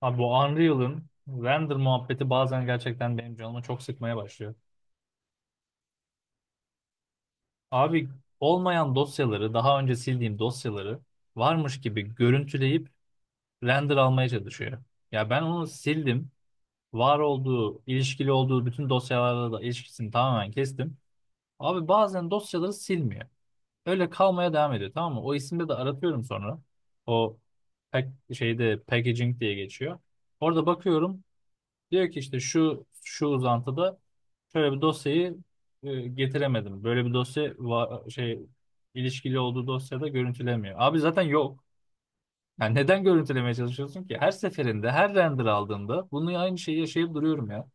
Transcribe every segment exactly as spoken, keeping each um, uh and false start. Abi bu Unreal'ın render muhabbeti bazen gerçekten benim canımı çok sıkmaya başlıyor. Abi olmayan dosyaları, daha önce sildiğim dosyaları varmış gibi görüntüleyip render almaya çalışıyor. Ya ben onu sildim. Var olduğu, ilişkili olduğu bütün dosyalarla da ilişkisini tamamen kestim. Abi bazen dosyaları silmiyor. Öyle kalmaya devam ediyor, tamam mı? O isimde de aratıyorum sonra. O pack, şeyde packaging diye geçiyor. Orada bakıyorum. Diyor ki işte şu şu uzantıda şöyle bir dosyayı e, getiremedim. Böyle bir dosya va- şey ilişkili olduğu dosyada görüntülemiyor. Abi zaten yok. Yani neden görüntülemeye çalışıyorsun ki? Her seferinde, her render aldığında bunu aynı şeyi yaşayıp duruyorum ya.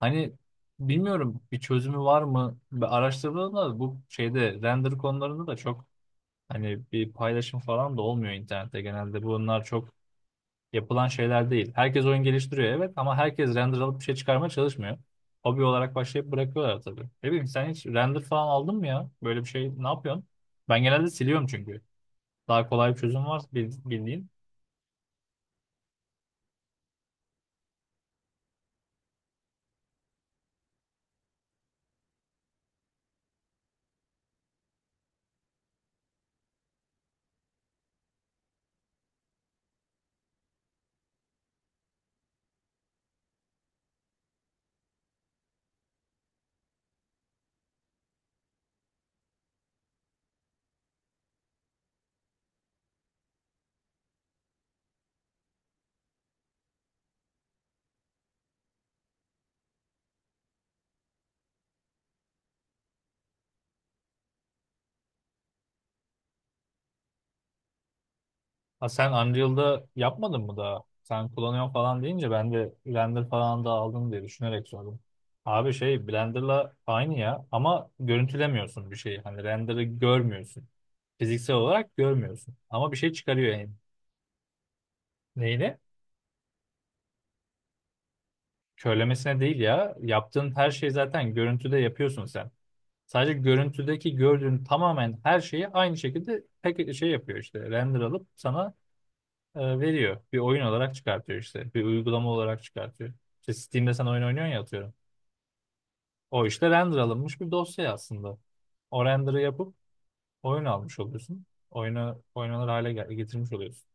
Hani bilmiyorum, bir çözümü var mı? Ben araştırdığımda bu şeyde render konularında da çok hani bir paylaşım falan da olmuyor internette. Genelde bunlar çok yapılan şeyler değil. Herkes oyun geliştiriyor, evet, ama herkes render alıp bir şey çıkarmaya çalışmıyor. Hobi olarak başlayıp bırakıyorlar tabii. Ne bileyim, sen hiç render falan aldın mı ya? Böyle bir şey ne yapıyorsun? Ben genelde siliyorum çünkü. Daha kolay bir çözüm var bil- bildiğin. Ha, sen Unreal'da yapmadın mı daha? Sen kullanıyorsun falan deyince ben de render falan da aldın diye düşünerek sordum. Abi şey Blender'la aynı ya, ama görüntülemiyorsun bir şeyi. Hani render'ı görmüyorsun. Fiziksel olarak görmüyorsun. Ama bir şey çıkarıyor yani. Neyle? Körlemesine değil ya. Yaptığın her şeyi zaten görüntüde yapıyorsun sen. Sadece görüntüdeki gördüğün tamamen her şeyi aynı şekilde pek şey yapıyor işte. Render alıp sana e, veriyor. Bir oyun olarak çıkartıyor işte. Bir uygulama olarak çıkartıyor. İşte Steam'de sen oyun oynuyorsun ya, atıyorum. O işte render alınmış bir dosya aslında. O render'ı yapıp oyun almış oluyorsun. Oyunu oynanır hale gel- getirmiş oluyorsun.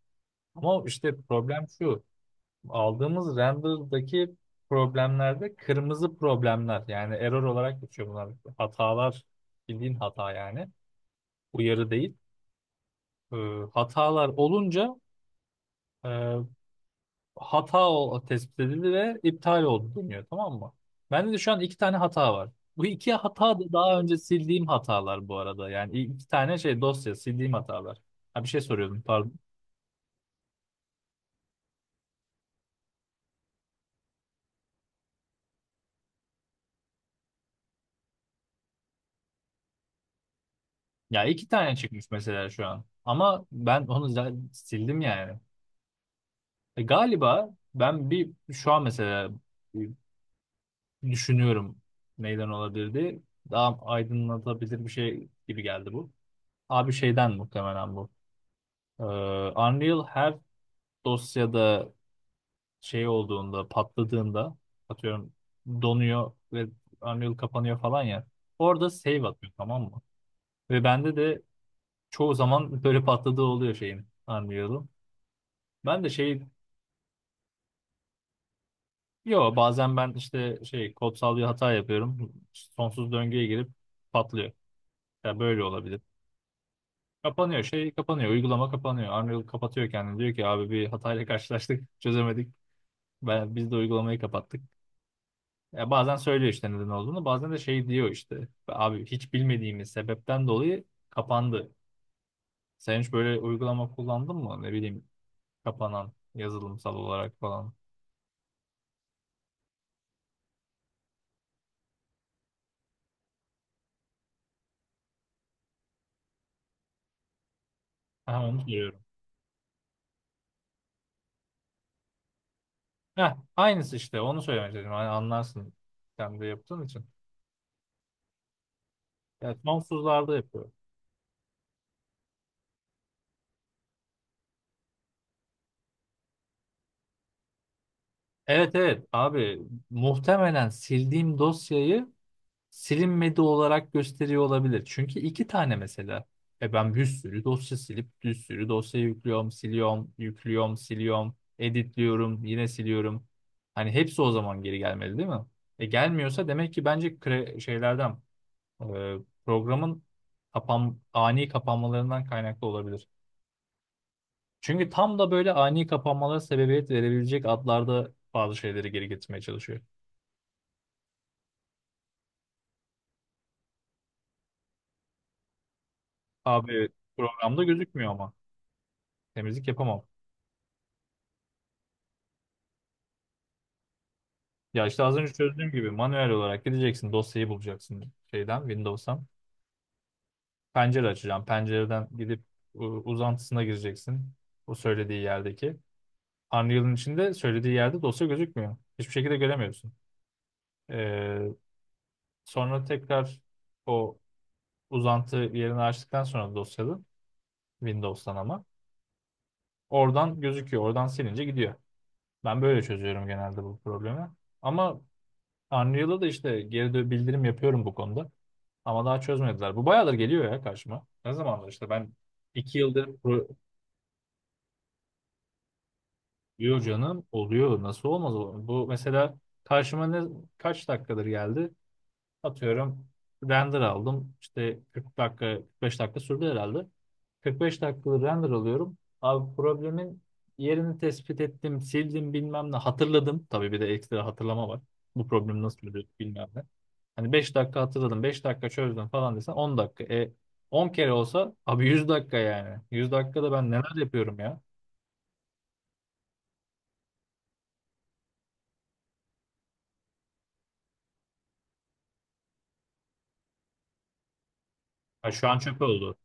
Ama işte problem şu. Aldığımız render'daki problemlerde kırmızı problemler, yani error olarak geçiyor bunlar. Hatalar, bildiğin hata yani, uyarı değil. Ee, Hatalar olunca e, hata o- tespit edildi ve iptal oldu deniyor, tamam mı? Bende de şu an iki tane hata var. Bu iki hata da daha önce sildiğim hatalar bu arada. Yani i- iki tane şey dosya sildiğim hatalar. Ha, bir şey soruyordum, pardon. Ya iki tane çıkmış mesela şu an. Ama ben onu zaten sildim yani. E, galiba ben bir şu an mesela bir düşünüyorum neyden olabilirdi. Daha aydınlatabilir bir şey gibi geldi bu. Abi şeyden muhtemelen bu. Ee, Unreal her dosyada şey olduğunda, patladığında, atıyorum, donuyor ve Unreal kapanıyor falan ya. Orada save atıyor, tamam mı? Ve bende de çoğu zaman böyle patladığı oluyor şeyin, Unreal'ın. Ben de şey. Yo, bazen ben işte şey kodsal bir hata yapıyorum. Sonsuz döngüye girip patlıyor. Ya böyle olabilir. Kapanıyor, şey kapanıyor. Uygulama kapanıyor. Unreal kapatıyor kendini. Diyor ki abi bir hatayla karşılaştık. Çözemedik. Ben, biz de uygulamayı kapattık. Ya bazen söylüyor işte neden olduğunu. Bazen de şey diyor işte. Abi hiç bilmediğimiz sebepten dolayı kapandı. Sen hiç böyle uygulama kullandın mı? Ne bileyim, kapanan yazılımsal olarak falan. Ha, onu soruyorum. Heh, aynısı işte, onu söylemek istedim. Hani anlarsın. Sen de yaptığın için. Ya sonsuzlarda yapıyor. Evet evet abi, muhtemelen sildiğim dosyayı silinmedi olarak gösteriyor olabilir. Çünkü iki tane mesela. E ben bir sürü dosya silip bir sürü dosya yüklüyorum, siliyorum, yüklüyorum, siliyorum, editliyorum, yine siliyorum. Hani hepsi o zaman geri gelmedi değil mi? E gelmiyorsa, demek ki bence kre- şeylerden, e, programın kapan ani kapanmalarından kaynaklı olabilir. Çünkü tam da böyle ani kapanmalara sebebiyet verebilecek adlarda bazı şeyleri geri getirmeye çalışıyor. Abi programda gözükmüyor ama, temizlik yapamam. Ya işte az önce çözdüğüm gibi manuel olarak gideceksin, dosyayı bulacaksın şeyden, Windows'tan. Pencere açacağım. Pencereden gidip e, uzantısına gireceksin. O söylediği yerdeki. Unreal'ın içinde söylediği yerde dosya gözükmüyor. Hiçbir şekilde göremiyorsun. Ee, Sonra tekrar o uzantı yerini açtıktan sonra dosyalı, Windows'tan ama. Oradan gözüküyor. Oradan silince gidiyor. Ben böyle çözüyorum genelde bu problemi. Ama Unreal'da da işte geri dö- bildirim yapıyorum bu konuda. Ama daha çözmediler. Bu bayağıdır geliyor ya karşıma. Ne zamandır işte ben iki yıldır pro- Yo canım, oluyor. Nasıl olmaz o? Bu mesela karşıma ne kaç dakikadır geldi? Atıyorum, render aldım. İşte kırk dakika, kırk beş dakika sürdü herhalde. kırk beş dakikalık render alıyorum. Abi problemin yerini tespit ettim, sildim bilmem ne, hatırladım. Tabii bir de ekstra hatırlama var. Bu problemi nasıl çözüyorduk bilmem ne. Hani beş dakika hatırladım, beş dakika çözdüm falan desen on dakika. E on kere olsa abi yüz dakika yani. yüz dakikada ben neler yapıyorum ya. Ha, şu an çöp oldu.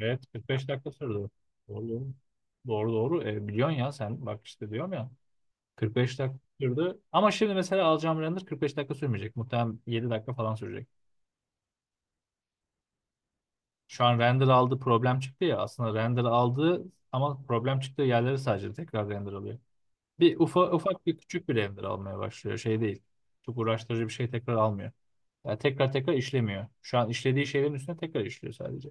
Evet, kırk beş dakika sürdü. Doğru. Doğru doğru. E, biliyorsun ya, sen bak işte diyorum ya. kırk beş dakika sürdü. Ama şimdi mesela alacağım render kırk beş dakika sürmeyecek. Muhtemelen yedi dakika falan sürecek. Şu an render aldı, problem çıktı ya. Aslında render aldı, ama problem çıktığı yerleri sadece tekrar render alıyor. Bir ufa, ufak bir küçük bir render almaya başlıyor. Şey değil. Çok uğraştırıcı bir şey tekrar almıyor. Yani tekrar tekrar işlemiyor. Şu an işlediği şeylerin üstüne tekrar işliyor sadece.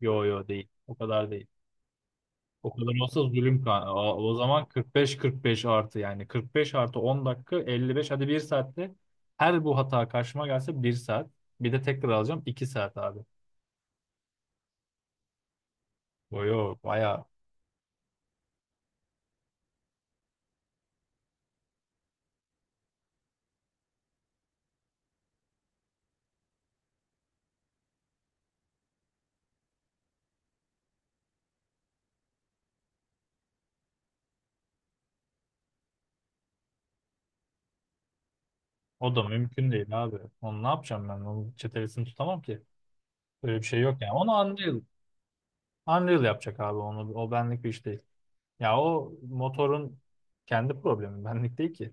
Yo yo, değil. O kadar değil. O kadar olsa zulüm kan. O, o zaman kırk beş kırk beş artı, yani kırk beş artı on dakika elli beş, hadi bir saatte her bu hata karşıma gelse bir saat. Bir de tekrar alacağım iki saat abi. O yok baya. O da mümkün değil abi. Onu ne yapacağım ben? Onun çetelesini tutamam ki. Böyle bir şey yok yani. Onu Unreal, Unreal yapacak abi onu. O benlik bir iş değil. Ya o motorun kendi problemi benlik değil ki.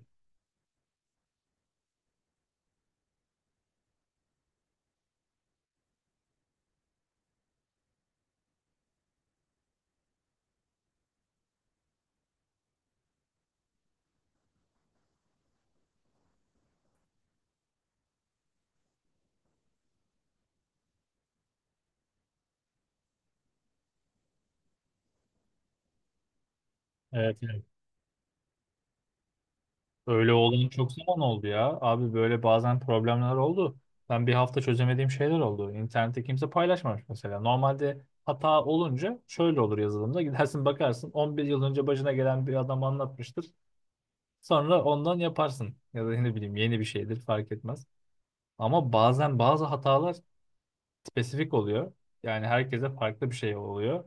Evet. Öyle olan çok zaman oldu ya. Abi böyle bazen problemler oldu. Ben bir hafta çözemediğim şeyler oldu. İnternette kimse paylaşmamış mesela. Normalde hata olunca şöyle olur yazılımda. Gidersin bakarsın on bir yıl önce başına gelen bir adam anlatmıştır. Sonra ondan yaparsın. Ya da ne bileyim, yeni bir şeydir, fark etmez. Ama bazen bazı hatalar spesifik oluyor. Yani herkese farklı bir şey oluyor.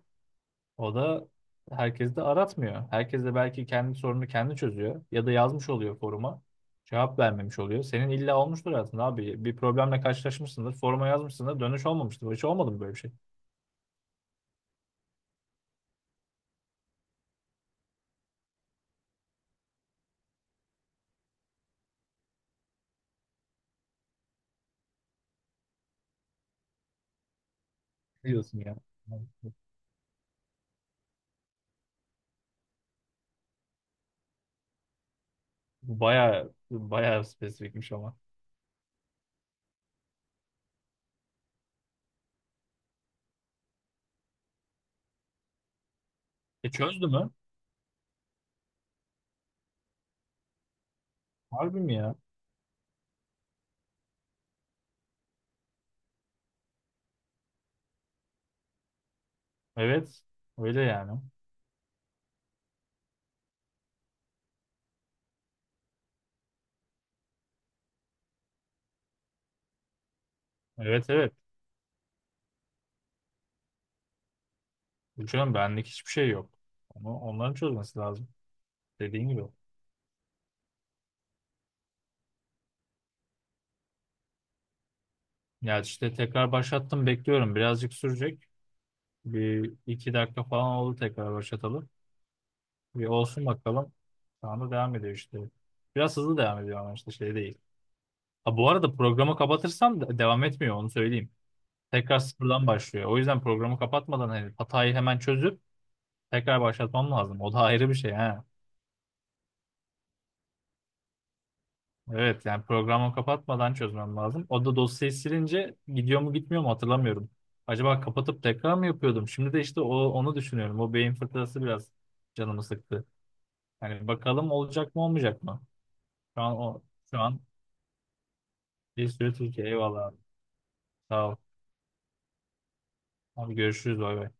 O da herkes de aratmıyor. Herkes de belki kendi sorunu kendi çözüyor ya da yazmış oluyor foruma. Cevap vermemiş oluyor. Senin illa olmuştur hayatında abi. Bir problemle karşılaşmışsındır. Foruma yazmışsındır. Dönüş olmamıştır. Hiç olmadı mı böyle bir şey? Biliyorsun ya? Bu baya baya spesifikmiş ama. E çözdü mü? Harbi mi ya? Evet. Öyle yani. Evet evet. Hocam benlik hiçbir şey yok. Onu, onların çözmesi lazım. Dediğin gibi. Ya işte tekrar başlattım, bekliyorum. Birazcık sürecek. Bir iki dakika falan oldu, tekrar başlatalım. Bir olsun bakalım. Şu anda devam ediyor işte. Biraz hızlı devam ediyor ama işte şey değil. Ha, bu arada programı kapatırsam da devam etmiyor, onu söyleyeyim. Tekrar sıfırdan başlıyor. O yüzden programı kapatmadan hani hatayı hemen çözüp tekrar başlatmam lazım. O da ayrı bir şey ha. Evet yani programı kapatmadan çözmem lazım. O da dosyayı silince gidiyor mu gitmiyor mu hatırlamıyorum. Acaba kapatıp tekrar mı yapıyordum? Şimdi de işte o, onu düşünüyorum. O beyin fırtınası biraz canımı sıktı. Hani bakalım olacak mı olmayacak mı? Şu an o şu an bir sürü Türkiye. Eyvallah abi. Sağ ol. Abi görüşürüz. Bay bay.